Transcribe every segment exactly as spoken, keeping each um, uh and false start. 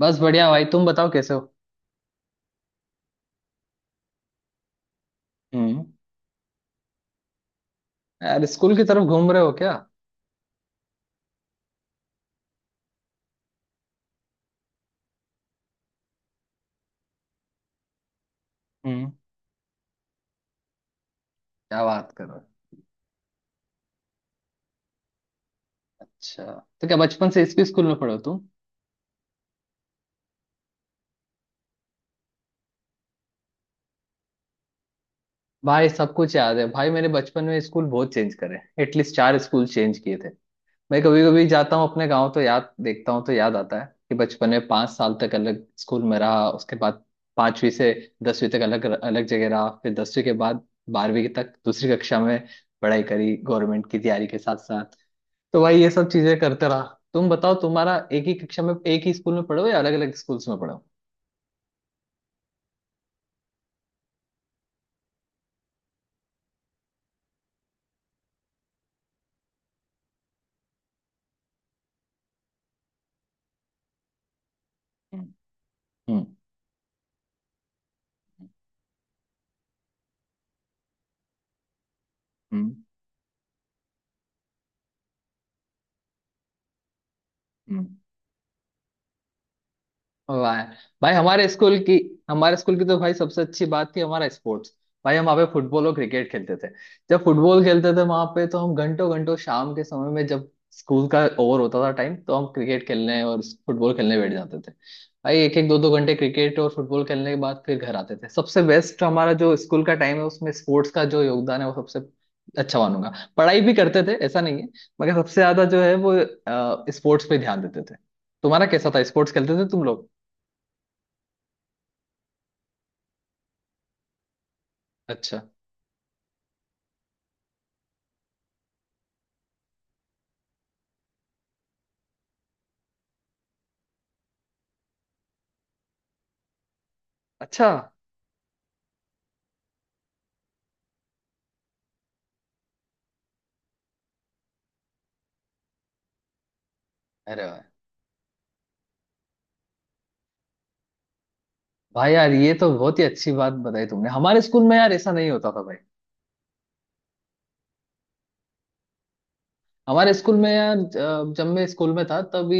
बस बढ़िया भाई। तुम बताओ कैसे हो। हम्म। यार स्कूल की तरफ घूम रहे हो क्या? हम्म। क्या बात कर रहे हो। अच्छा। तो क्या बचपन से इसी स्कूल में पढ़े हो तुम? भाई सब कुछ याद है। भाई मेरे बचपन में स्कूल बहुत चेंज करे, एटलीस्ट चार स्कूल चेंज किए थे। मैं कभी कभी जाता हूँ अपने गाँव, तो याद देखता हूँ तो याद आता है कि बचपन में पाँच साल तक अलग स्कूल में रहा, उसके बाद पांचवी से दसवीं तक अलग अलग जगह रहा, फिर दसवीं के बाद बारहवीं तक दूसरी कक्षा में पढ़ाई करी, गवर्नमेंट की तैयारी के साथ साथ। तो भाई ये सब चीजें करते रहा। तुम बताओ तुम्हारा एक ही कक्षा में एक ही स्कूल में पढ़े हो या अलग अलग स्कूल्स में पढ़े हो? हम्म, हम्म। हम्म, हम्म। वाह। भाई हमारे स्कूल की हमारे स्कूल की तो भाई सबसे अच्छी बात थी हमारा स्पोर्ट्स। भाई हम वहाँ पे फुटबॉल और क्रिकेट खेलते थे। जब फुटबॉल खेलते थे वहां पे, तो हम घंटों घंटों शाम के समय में, जब स्कूल का ओवर होता था टाइम, तो हम क्रिकेट खेलने और फुटबॉल खेलने बैठ जाते थे। भाई एक एक दो दो घंटे क्रिकेट और फुटबॉल खेलने के बाद फिर घर आते थे। सबसे बेस्ट हमारा जो स्कूल का टाइम है उसमें स्पोर्ट्स का जो योगदान है वो सबसे अच्छा मानूंगा। पढ़ाई भी करते थे, ऐसा नहीं है, मगर सबसे ज्यादा जो है वो स्पोर्ट्स पे ध्यान देते थे। तुम्हारा कैसा था? स्पोर्ट्स खेलते थे तुम लोग? अच्छा। अच्छा। अरे वाह। भाई यार ये तो बहुत ही अच्छी बात बताई तुमने। हमारे स्कूल में यार ऐसा नहीं होता था भाई। हमारे स्कूल में यार अ, जब मैं स्कूल में था तभी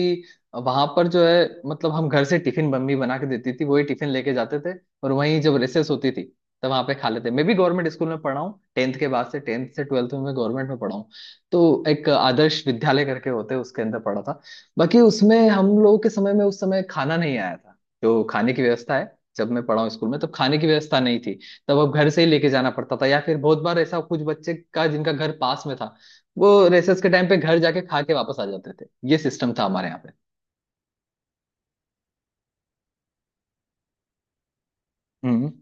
वहां पर जो है, मतलब हम घर से टिफिन मम्मी बना के देती थी, वही टिफिन लेके जाते थे। और वहीं जब रिसेस होती थी तब वहां पे खा लेते। मैं भी गवर्नमेंट स्कूल में पढ़ा हूँ, टेंथ के बाद से, टेंथ से ट्वेल्थ में मैं गवर्नमेंट में पढ़ा हूँ। तो एक आदर्श विद्यालय करके होते, उसके अंदर पढ़ा था। बाकी उसमें हम लोगों के समय में, उस समय खाना नहीं आया था। जो खाने की व्यवस्था है, जब मैं पढ़ा हूँ स्कूल में तब खाने की व्यवस्था नहीं थी। तब अब घर से ही लेके जाना पड़ता था, या फिर बहुत बार ऐसा कुछ बच्चे का जिनका घर पास में था, वो रेसेस के टाइम पे घर जाके खा के वापस आ जाते थे। ये सिस्टम था हमारे यहाँ पे। हम्म।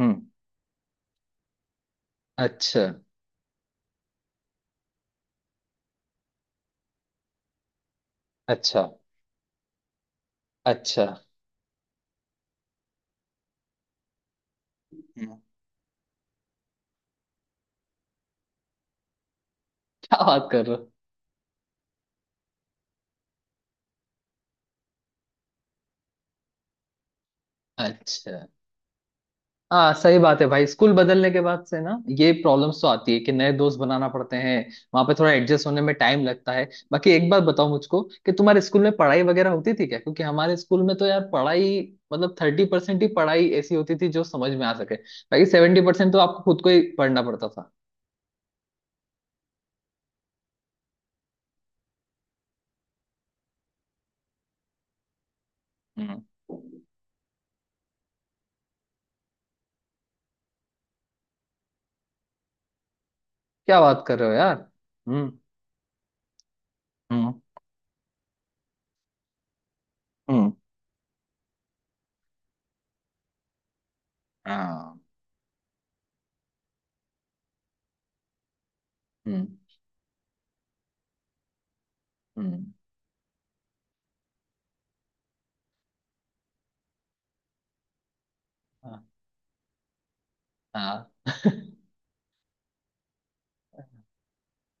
हम्म। अच्छा। अच्छा। अच्छा। हम्म। क्या बात कर रहे हो? अच्छा। हाँ सही बात है भाई, स्कूल बदलने के बाद से ना ये प्रॉब्लम्स तो आती है कि नए दोस्त बनाना पड़ते हैं। वहां पे थोड़ा एडजस्ट होने में टाइम लगता है। बाकी एक बात बताओ मुझको कि तुम्हारे स्कूल में पढ़ाई वगैरह होती थी क्या? क्योंकि हमारे स्कूल में तो यार पढ़ाई, मतलब थर्टी परसेंट ही पढ़ाई ऐसी होती थी जो समझ में आ सके, बाकी सेवेंटी परसेंट तो आपको खुद को ही पढ़ना पड़ता था। हम्म। क्या बात कर रहे हो यार? हम्म। हम्म। हम्म। हाँ। हम्म। हम्म। हाँ। हाँ।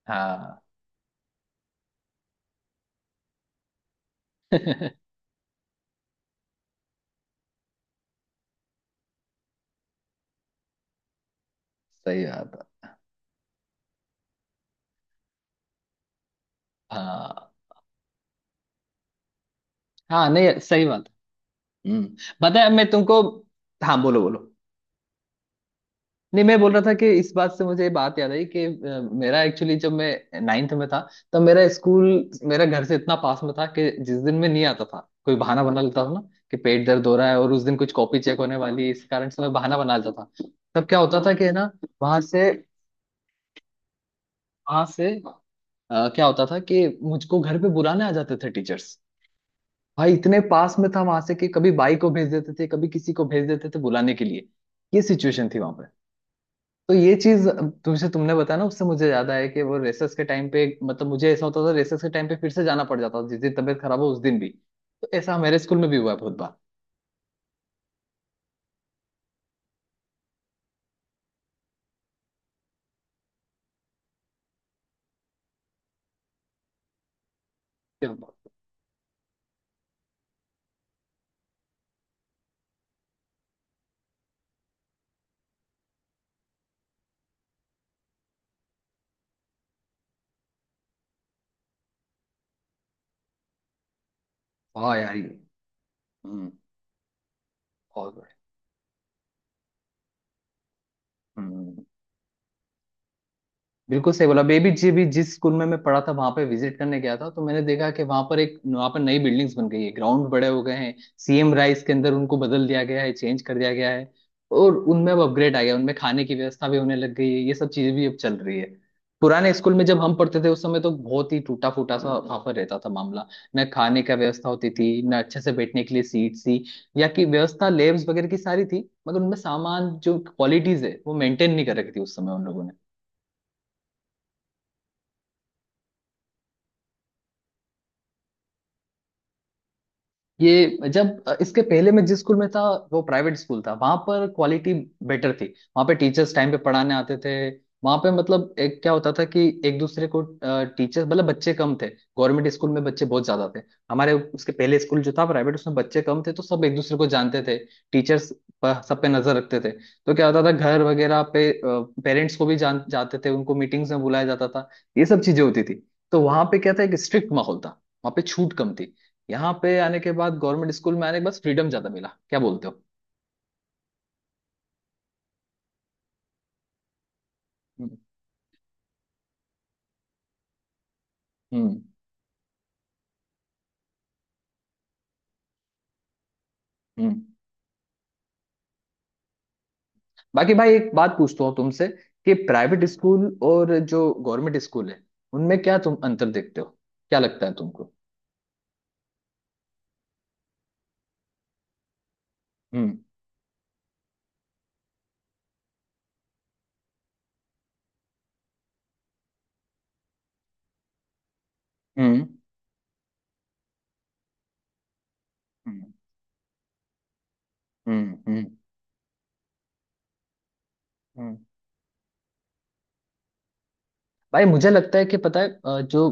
हाँ, सही बात है। हाँ। हाँ नहीं सही बात है। हम्म बताया मैं तुमको। हाँ, बोलो बोलो। नहीं मैं बोल रहा था कि इस बात से मुझे ये बात याद आई कि अ, मेरा एक्चुअली जब मैं नाइन्थ में था, तब मेरा स्कूल मेरा घर से इतना पास में था कि जिस दिन मैं नहीं आता था कोई बहाना बना लेता था ना, कि पेट दर्द हो रहा है और उस दिन कुछ कॉपी चेक होने वाली है, इस कारण से मैं बहाना बना लेता था। तब क्या होता था कि ना वहां से वहां से अ, क्या होता था कि मुझको घर पे बुलाने आ जाते थे टीचर्स। भाई इतने पास में था वहां से कि कभी बाई को भेज देते थे, कभी किसी को भेज देते थे बुलाने के लिए। ये सिचुएशन थी वहां। तो ये चीज तुमसे तुमने बताया ना, उससे मुझे याद आया कि वो रेसेस के टाइम पे, मतलब मुझे ऐसा होता था रेसेस के टाइम पे फिर से जाना पड़ जाता था जिस दिन तबीयत खराब हो उस दिन भी। तो ऐसा मेरे स्कूल में भी हुआ है बहुत बार। क्या बात है। हाँ यार ये। हम्म। बहुत बढ़िया। हम्म। बिल्कुल सही बोला। बेबी जी भी जिस स्कूल में मैं पढ़ा था वहां पे विजिट करने गया था, तो मैंने देखा कि वहां पर एक वहां पर नई बिल्डिंग्स बन गई है, ग्राउंड बड़े हो गए हैं। सी एम राइस के अंदर उनको बदल दिया गया है, चेंज कर दिया गया है। और उनमें अब अपग्रेड आ गया, उनमें खाने की व्यवस्था भी होने लग गई है। ये सब चीजें भी अब चल रही है। पुराने स्कूल में जब हम पढ़ते थे उस समय तो बहुत ही टूटा फूटा सा वहां पर रहता था मामला। न खाने का व्यवस्था होती थी, न अच्छे से बैठने के लिए सीट थी। या कि व्यवस्था लेब्स वगैरह की सारी थी, मगर उनमें सामान जो क्वालिटीज है वो मेंटेन नहीं कर रखी थी उस समय उन लोगों ने। ये, जब इसके पहले मैं जिस स्कूल में था वो प्राइवेट स्कूल था, वहां पर क्वालिटी बेटर थी। वहां पे टीचर्स टाइम पे पढ़ाने आते थे। वहां पे मतलब एक क्या होता था कि एक दूसरे को टीचर्स, मतलब बच्चे कम थे, गवर्नमेंट स्कूल में बच्चे बहुत ज्यादा थे। हमारे उसके पहले स्कूल जो था प्राइवेट, उसमें बच्चे कम थे तो सब एक दूसरे को जानते थे। टीचर्स सब पे नजर रखते थे, तो क्या होता था घर वगैरह पे पेरेंट्स को भी जान जाते थे, उनको मीटिंग्स में बुलाया जाता था, ये सब चीजें होती थी। तो वहां पे क्या था, एक स्ट्रिक्ट माहौल था। वहां पे छूट कम थी। यहाँ पे आने के बाद, गवर्नमेंट स्कूल में आने के बाद फ्रीडम ज्यादा मिला। क्या बोलते हो? हम्म। हम्म। हम्म। बाकी भाई एक बात पूछता हूँ तुमसे कि प्राइवेट स्कूल और जो गवर्नमेंट स्कूल है उनमें क्या तुम अंतर देखते हो? क्या लगता है तुमको? हम्म। हम्म। हम्म। हम्म। हम्म। हम्म। भाई मुझे लगता है कि पता है, अ, जो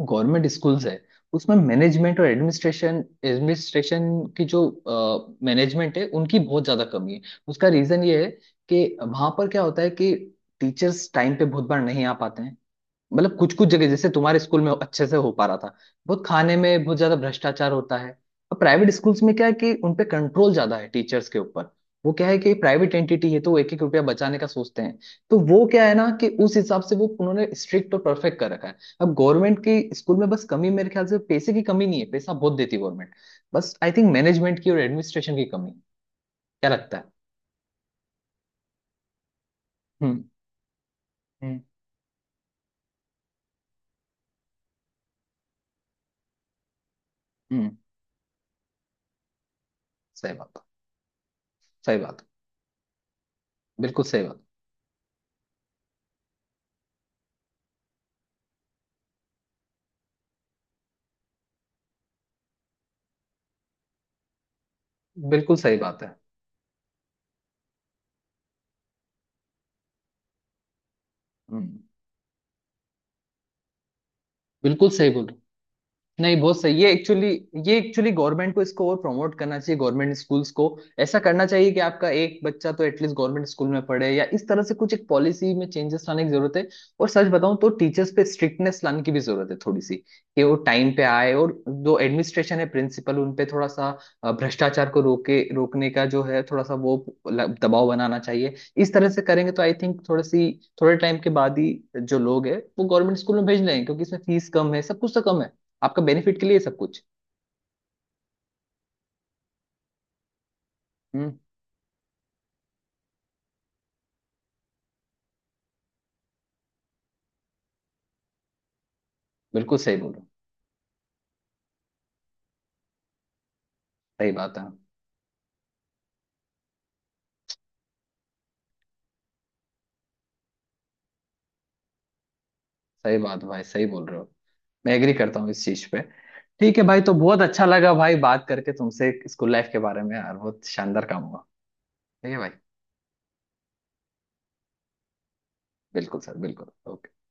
गवर्नमेंट स्कूल्स है उसमें मैनेजमेंट और एडमिनिस्ट्रेशन, एडमिनिस्ट्रेशन की जो मैनेजमेंट है उनकी बहुत ज्यादा कमी है। उसका रीजन ये है कि वहां पर क्या होता है कि टीचर्स टाइम पे बहुत बार नहीं आ पाते हैं। मतलब कुछ कुछ जगह जैसे तुम्हारे स्कूल में अच्छे से हो पा रहा था, बहुत खाने में बहुत ज्यादा भ्रष्टाचार होता है। और प्राइवेट स्कूल्स में क्या है कि उनपे कंट्रोल ज्यादा है टीचर्स के ऊपर। वो क्या है कि प्राइवेट एंटिटी है, तो वो एक एक रुपया बचाने का सोचते हैं। तो वो क्या है ना कि उस हिसाब से वो उन्होंने स्ट्रिक्ट और परफेक्ट कर रखा है। अब गवर्नमेंट की स्कूल में बस कमी मेरे ख्याल से पैसे की कमी नहीं है, पैसा बहुत देती है गवर्नमेंट। बस आई थिंक मैनेजमेंट की और एडमिनिस्ट्रेशन की कमी है। क्या लगता है? हम्म। हम्म। हम्म। सही बात। सही बात। बिल्कुल सही बात। बिल्कुल सही बात है। हम्म। बिल्कुल सही बोल रहे। नहीं बहुत सही, ये एक्चुअली ये एक्चुअली गवर्नमेंट को इसको और प्रमोट करना चाहिए गवर्नमेंट स्कूल्स को। ऐसा करना चाहिए कि आपका एक बच्चा तो एटलीस्ट गवर्नमेंट स्कूल में पढ़े, या इस तरह से कुछ एक पॉलिसी में चेंजेस लाने की जरूरत है। और सच बताऊं तो टीचर्स पे स्ट्रिक्टनेस लाने की भी जरूरत है थोड़ी सी, कि वो टाइम पे आए, और जो एडमिनिस्ट्रेशन है प्रिंसिपल उन पे थोड़ा सा अ, भ्रष्टाचार को रोके रोकने का जो है थोड़ा सा वो ल- दबाव बनाना चाहिए। इस तरह से करेंगे तो आई थिंक, थोड़ी सी, थोड़े टाइम के बाद ही जो लोग है वो गवर्नमेंट स्कूल में भेज लेंगे, क्योंकि इसमें फीस कम है, सब कुछ तो कम है। आपका बेनिफिट के लिए सब कुछ। हम्म। बिल्कुल सही बोल रहे हो। सही बात है। सही बात भाई, सही बोल रहे हो। मैं एग्री करता हूँ इस चीज पे। ठीक है भाई, तो बहुत अच्छा लगा भाई बात करके तुमसे स्कूल लाइफ के बारे में, यार बहुत शानदार काम हुआ। ठीक है भाई। बिल्कुल सर, बिल्कुल। ओके।